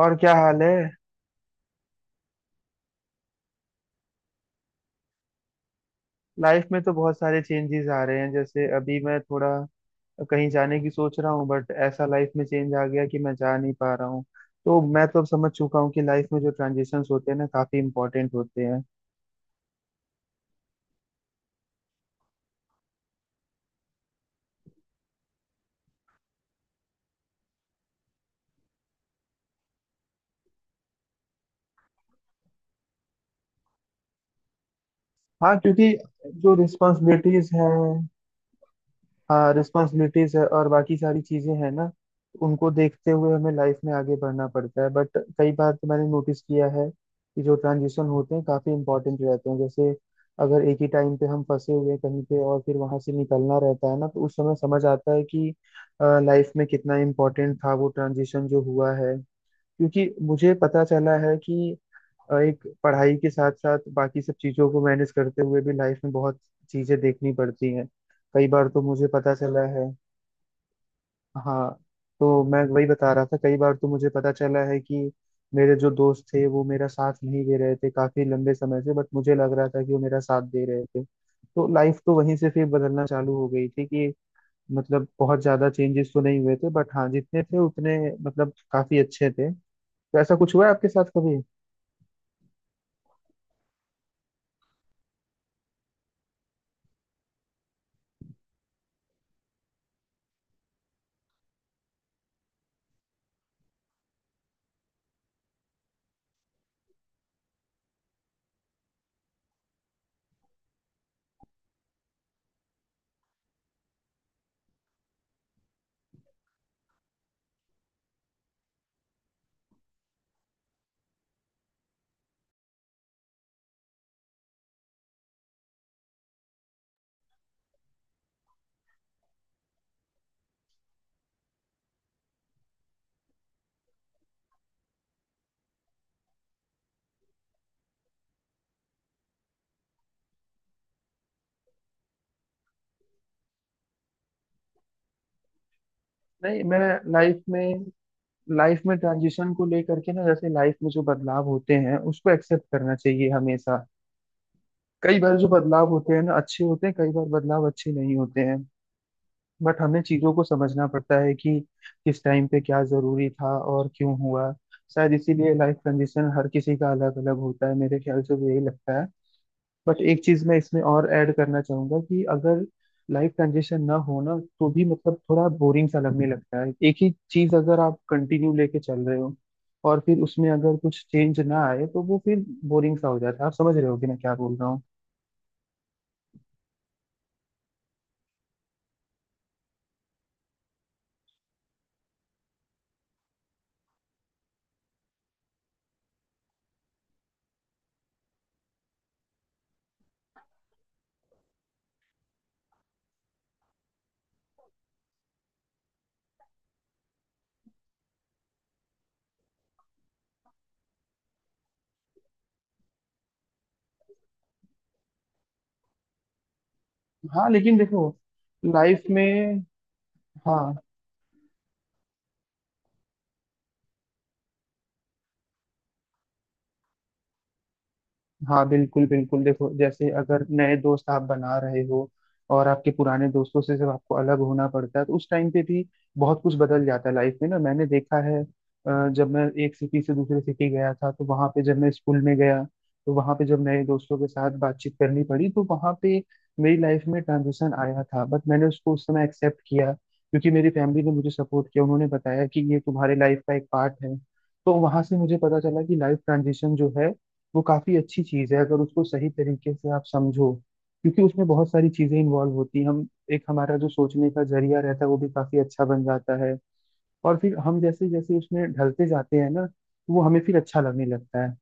और क्या हाल है। लाइफ में तो बहुत सारे चेंजेस आ रहे हैं। जैसे अभी मैं थोड़ा कहीं जाने की सोच रहा हूँ, बट ऐसा लाइफ में चेंज आ गया कि मैं जा नहीं पा रहा हूँ। तो मैं तो अब समझ चुका हूँ कि लाइफ में जो ट्रांजिशंस होते हैं ना, काफी इंपॉर्टेंट होते हैं। हाँ, क्योंकि जो रिस्पॉन्सिबिलिटीज हैं, हाँ, रिस्पॉन्सिबिलिटीज है और बाकी सारी चीजें हैं ना, उनको देखते हुए हमें लाइफ में आगे बढ़ना पड़ता है। बट कई बार तो मैंने नोटिस किया है कि जो ट्रांजिशन होते हैं काफी इंपॉर्टेंट रहते हैं। जैसे अगर एक ही टाइम पे हम फंसे हुए हैं कहीं पे और फिर वहां से निकलना रहता है ना, तो उस समय समझ आता है कि लाइफ में कितना इम्पोर्टेंट था वो ट्रांजिशन जो हुआ है। क्योंकि मुझे पता चला है कि एक पढ़ाई के साथ साथ बाकी सब चीजों को मैनेज करते हुए भी लाइफ में बहुत चीजें देखनी पड़ती हैं। कई बार तो मुझे पता चला है। हाँ, तो मैं वही बता रहा था, कई बार तो मुझे पता चला है कि मेरे जो दोस्त थे वो मेरा साथ नहीं दे रहे थे काफी लंबे समय से, बट मुझे लग रहा था कि वो मेरा साथ दे रहे थे। तो लाइफ तो वहीं से फिर बदलना चालू हो गई थी कि, मतलब बहुत ज्यादा चेंजेस तो नहीं हुए थे बट हाँ, जितने थे उतने मतलब काफी अच्छे थे। तो ऐसा कुछ हुआ है आपके साथ कभी? नहीं, मैं लाइफ में, लाइफ में ट्रांजिशन को लेकर के ना, जैसे लाइफ में जो बदलाव होते हैं उसको एक्सेप्ट करना चाहिए हमेशा। कई बार जो बदलाव होते हैं ना अच्छे होते हैं, कई बार बदलाव अच्छे नहीं होते हैं। बट हमें चीजों को समझना पड़ता है कि किस टाइम पे क्या जरूरी था और क्यों हुआ। शायद इसीलिए लाइफ ट्रांजिशन हर किसी का अलग अलग होता है, मेरे ख्याल से भी यही लगता है। बट एक चीज मैं इसमें और ऐड करना चाहूंगा कि अगर लाइफ ट्रांजिशन ना हो ना, तो भी मतलब थोड़ा बोरिंग सा लगने लगता है। एक ही चीज अगर आप कंटिन्यू लेके चल रहे हो और फिर उसमें अगर कुछ चेंज ना आए तो वो फिर बोरिंग सा हो जाता है। आप समझ रहे होगे मैं क्या बोल रहा हूँ। हाँ लेकिन देखो लाइफ में, हाँ, हाँ बिल्कुल बिल्कुल। देखो जैसे अगर नए दोस्त आप बना रहे हो और आपके पुराने दोस्तों से जब आपको अलग होना पड़ता है, तो उस टाइम पे भी बहुत कुछ बदल जाता है लाइफ में ना। मैंने देखा है, जब मैं एक सिटी से दूसरे सिटी गया था तो वहाँ पे जब मैं स्कूल में गया, तो वहाँ पे जब नए दोस्तों के साथ बातचीत करनी पड़ी तो वहाँ पे मेरी लाइफ में ट्रांजिशन आया था। बट मैंने उसको उस समय एक्सेप्ट किया क्योंकि मेरी फैमिली ने मुझे सपोर्ट किया, उन्होंने बताया कि ये तुम्हारे लाइफ का एक पार्ट है। तो वहां से मुझे पता चला कि लाइफ ट्रांजिशन जो है वो काफी अच्छी चीज है, अगर उसको सही तरीके से आप समझो। क्योंकि उसमें बहुत सारी चीजें इन्वॉल्व होती हैं। हम, एक हमारा जो सोचने का जरिया रहता है वो भी काफी अच्छा बन जाता है। और फिर हम जैसे जैसे उसमें ढलते जाते हैं ना, तो वो हमें फिर अच्छा लगने लगता है।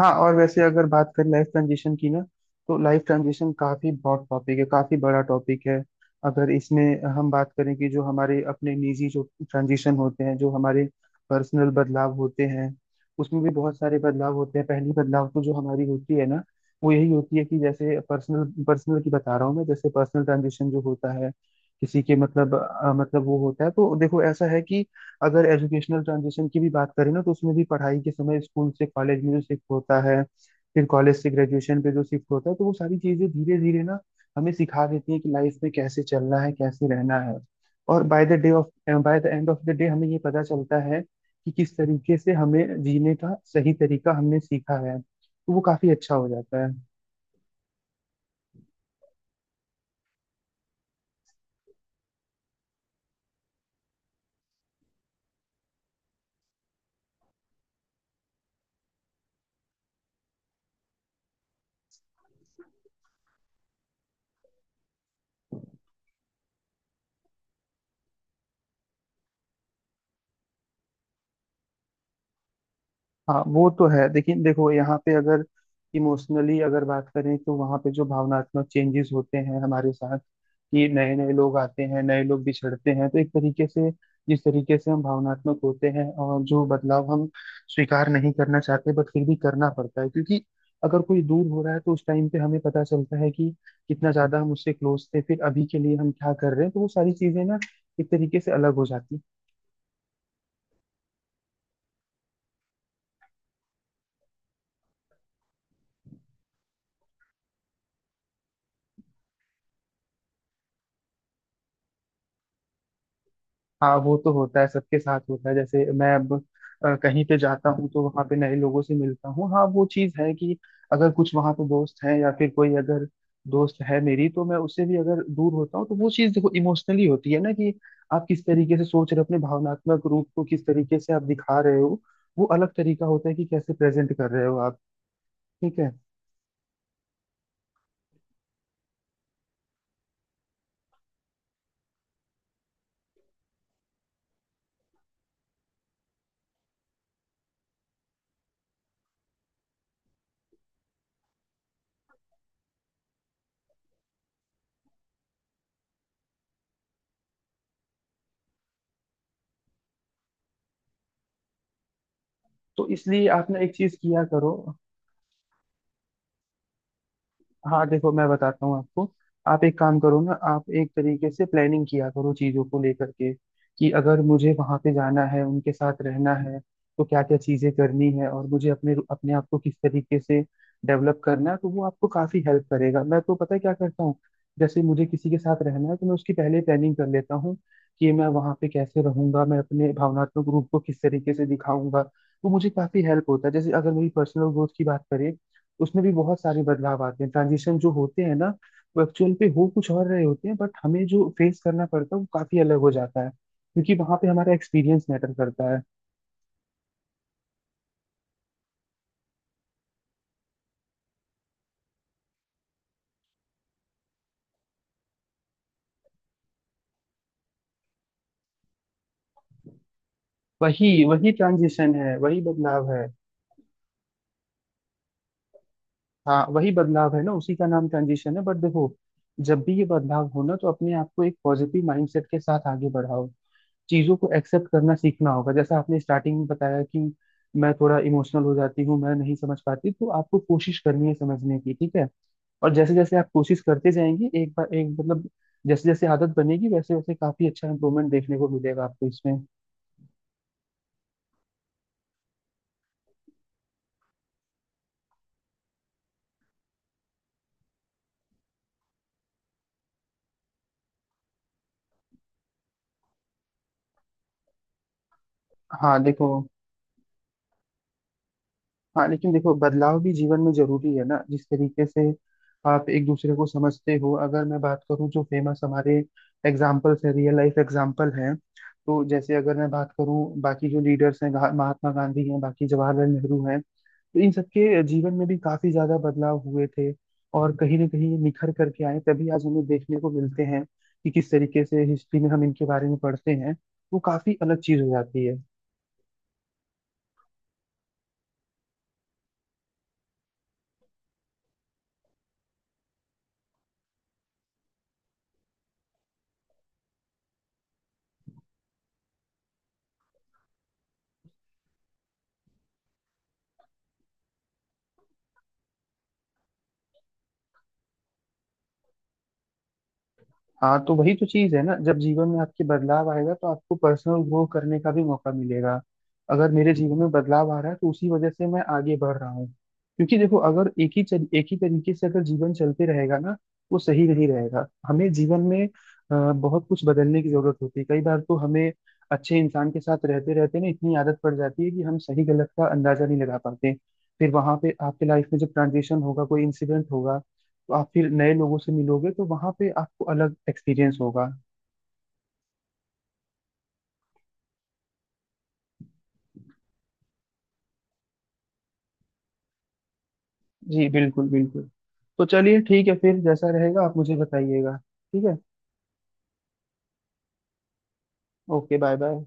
हाँ, और वैसे अगर बात करें लाइफ ट्रांजिशन की ना, तो लाइफ ट्रांजिशन काफी बहुत टॉपिक है, काफी बड़ा टॉपिक है। अगर इसमें हम बात करें कि जो हमारे अपने निजी जो ट्रांजिशन होते हैं, जो हमारे पर्सनल बदलाव होते हैं, उसमें भी बहुत सारे बदलाव होते हैं। पहली बदलाव तो जो हमारी होती है ना, वो यही होती है कि जैसे पर्सनल, पर्सनल की बता रहा हूँ मैं, जैसे पर्सनल ट्रांजिशन जो होता है किसी के, मतलब मतलब वो होता है, तो देखो ऐसा है कि अगर एजुकेशनल ट्रांजिशन की भी बात करें ना, तो उसमें भी पढ़ाई के समय स्कूल से कॉलेज में जो शिफ्ट होता है, फिर कॉलेज से ग्रेजुएशन पे जो शिफ्ट होता है, तो वो सारी चीजें धीरे धीरे ना हमें सिखा देती है कि लाइफ में कैसे चलना है, कैसे रहना है। और by the end of the day हमें ये पता चलता है कि किस तरीके से हमें जीने का सही तरीका हमने सीखा है, तो वो काफी अच्छा हो जाता है। हाँ वो तो है, लेकिन देखो यहाँ पे अगर इमोशनली अगर बात करें, तो वहाँ पे जो भावनात्मक चेंजेस होते हैं हमारे साथ कि नए नए लोग आते हैं, नए लोग बिछड़ते हैं, तो एक तरीके से जिस तरीके से हम भावनात्मक होते हैं और जो बदलाव हम स्वीकार नहीं करना चाहते बट फिर भी करना पड़ता है, क्योंकि अगर कोई दूर हो रहा है तो उस टाइम पे हमें पता चलता है कि कितना ज्यादा हम उससे क्लोज थे, फिर अभी के लिए हम क्या कर रहे हैं, तो वो सारी चीजें ना एक तरीके से अलग हो जाती हैं। हाँ वो तो होता है, सबके साथ होता है। जैसे मैं अब कहीं पे जाता हूँ तो वहां पे नए लोगों से मिलता हूँ, हाँ वो चीज है कि अगर कुछ वहां पे दोस्त हैं या फिर कोई अगर दोस्त है मेरी, तो मैं उससे भी अगर दूर होता हूँ तो वो चीज देखो इमोशनली होती है ना कि आप किस तरीके से सोच रहे हो, अपने भावनात्मक रूप को किस तरीके से आप दिखा रहे हो, वो अलग तरीका होता है कि कैसे प्रेजेंट कर रहे हो आप। ठीक है। तो इसलिए आप ना एक चीज किया करो, हाँ देखो मैं बताता हूँ आपको, आप एक काम करो ना, आप एक तरीके से प्लानिंग किया करो चीजों को लेकर के कि अगर मुझे वहां पे जाना है, उनके साथ रहना है, तो क्या क्या चीजें करनी है और मुझे अपने, अपने आप को किस तरीके से डेवलप करना है, तो वो आपको काफी हेल्प करेगा। मैं तो पता है क्या करता हूँ, जैसे मुझे किसी के साथ रहना है तो मैं उसकी पहले प्लानिंग कर लेता हूँ कि मैं वहां पे कैसे रहूंगा, मैं अपने भावनात्मक रूप को किस तरीके से दिखाऊंगा, तो मुझे काफी हेल्प होता है। जैसे अगर मेरी पर्सनल ग्रोथ की बात करें, उसमें भी बहुत सारे बदलाव आते हैं। ट्रांजिशन जो होते हैं ना, वो एक्चुअल पे हो कुछ और रहे होते हैं, बट हमें जो फेस करना पड़ता है वो काफी अलग हो जाता है, क्योंकि वहां पे हमारा एक्सपीरियंस मैटर करता है। वही वही ट्रांजिशन है, वही बदलाव है। हाँ वही बदलाव है ना, उसी का नाम ट्रांजिशन है। बट देखो, जब भी ये बदलाव हो ना, तो अपने आप को एक पॉजिटिव माइंडसेट के साथ आगे बढ़ाओ। चीजों को एक्सेप्ट करना सीखना होगा। जैसा आपने स्टार्टिंग में बताया कि मैं थोड़ा इमोशनल हो जाती हूँ, मैं नहीं समझ पाती, तो आपको कोशिश करनी है समझने की, ठीक है। और जैसे जैसे आप कोशिश करते जाएंगे, एक बार एक मतलब, जैसे जैसे आदत बनेगी वैसे वैसे काफी अच्छा इम्प्रूवमेंट देखने को मिलेगा आपको इसमें। हाँ देखो, हाँ लेकिन देखो बदलाव भी जीवन में जरूरी है ना, जिस तरीके से आप एक दूसरे को समझते हो। अगर मैं बात करूँ जो फेमस हमारे एग्जाम्पल्स है, रियल लाइफ एग्जाम्पल हैं, तो जैसे अगर मैं बात करूँ बाकी जो लीडर्स हैं, महात्मा गांधी हैं, बाकी जवाहरलाल नेहरू हैं, तो इन सबके जीवन में भी काफी ज्यादा बदलाव हुए थे। और कहीं ना कहीं ये निखर करके आए, तभी आज हमें देखने को मिलते हैं कि किस तरीके से हिस्ट्री में हम इनके बारे में पढ़ते हैं, वो काफी अलग चीज हो जाती है। हाँ, तो वही तो चीज है ना, जब जीवन में आपके बदलाव आएगा तो आपको पर्सनल ग्रो करने का भी मौका मिलेगा। अगर मेरे जीवन में बदलाव आ रहा है तो उसी वजह से मैं आगे बढ़ रहा हूँ। क्योंकि देखो अगर एक ही तरीके से अगर जीवन चलते रहेगा ना, वो सही नहीं रहेगा। हमें जीवन में बहुत कुछ बदलने की जरूरत होती है। कई बार तो हमें अच्छे इंसान के साथ रहते रहते ना इतनी आदत पड़ जाती है कि हम सही गलत का अंदाजा नहीं लगा पाते। फिर वहां पे आपके लाइफ में जब ट्रांजिशन होगा, कोई इंसिडेंट होगा, तो आप फिर नए लोगों से मिलोगे, तो वहां पे आपको अलग एक्सपीरियंस होगा। जी बिल्कुल बिल्कुल। तो चलिए ठीक है, फिर जैसा रहेगा आप मुझे बताइएगा, ठीक है। Okay, bye bye.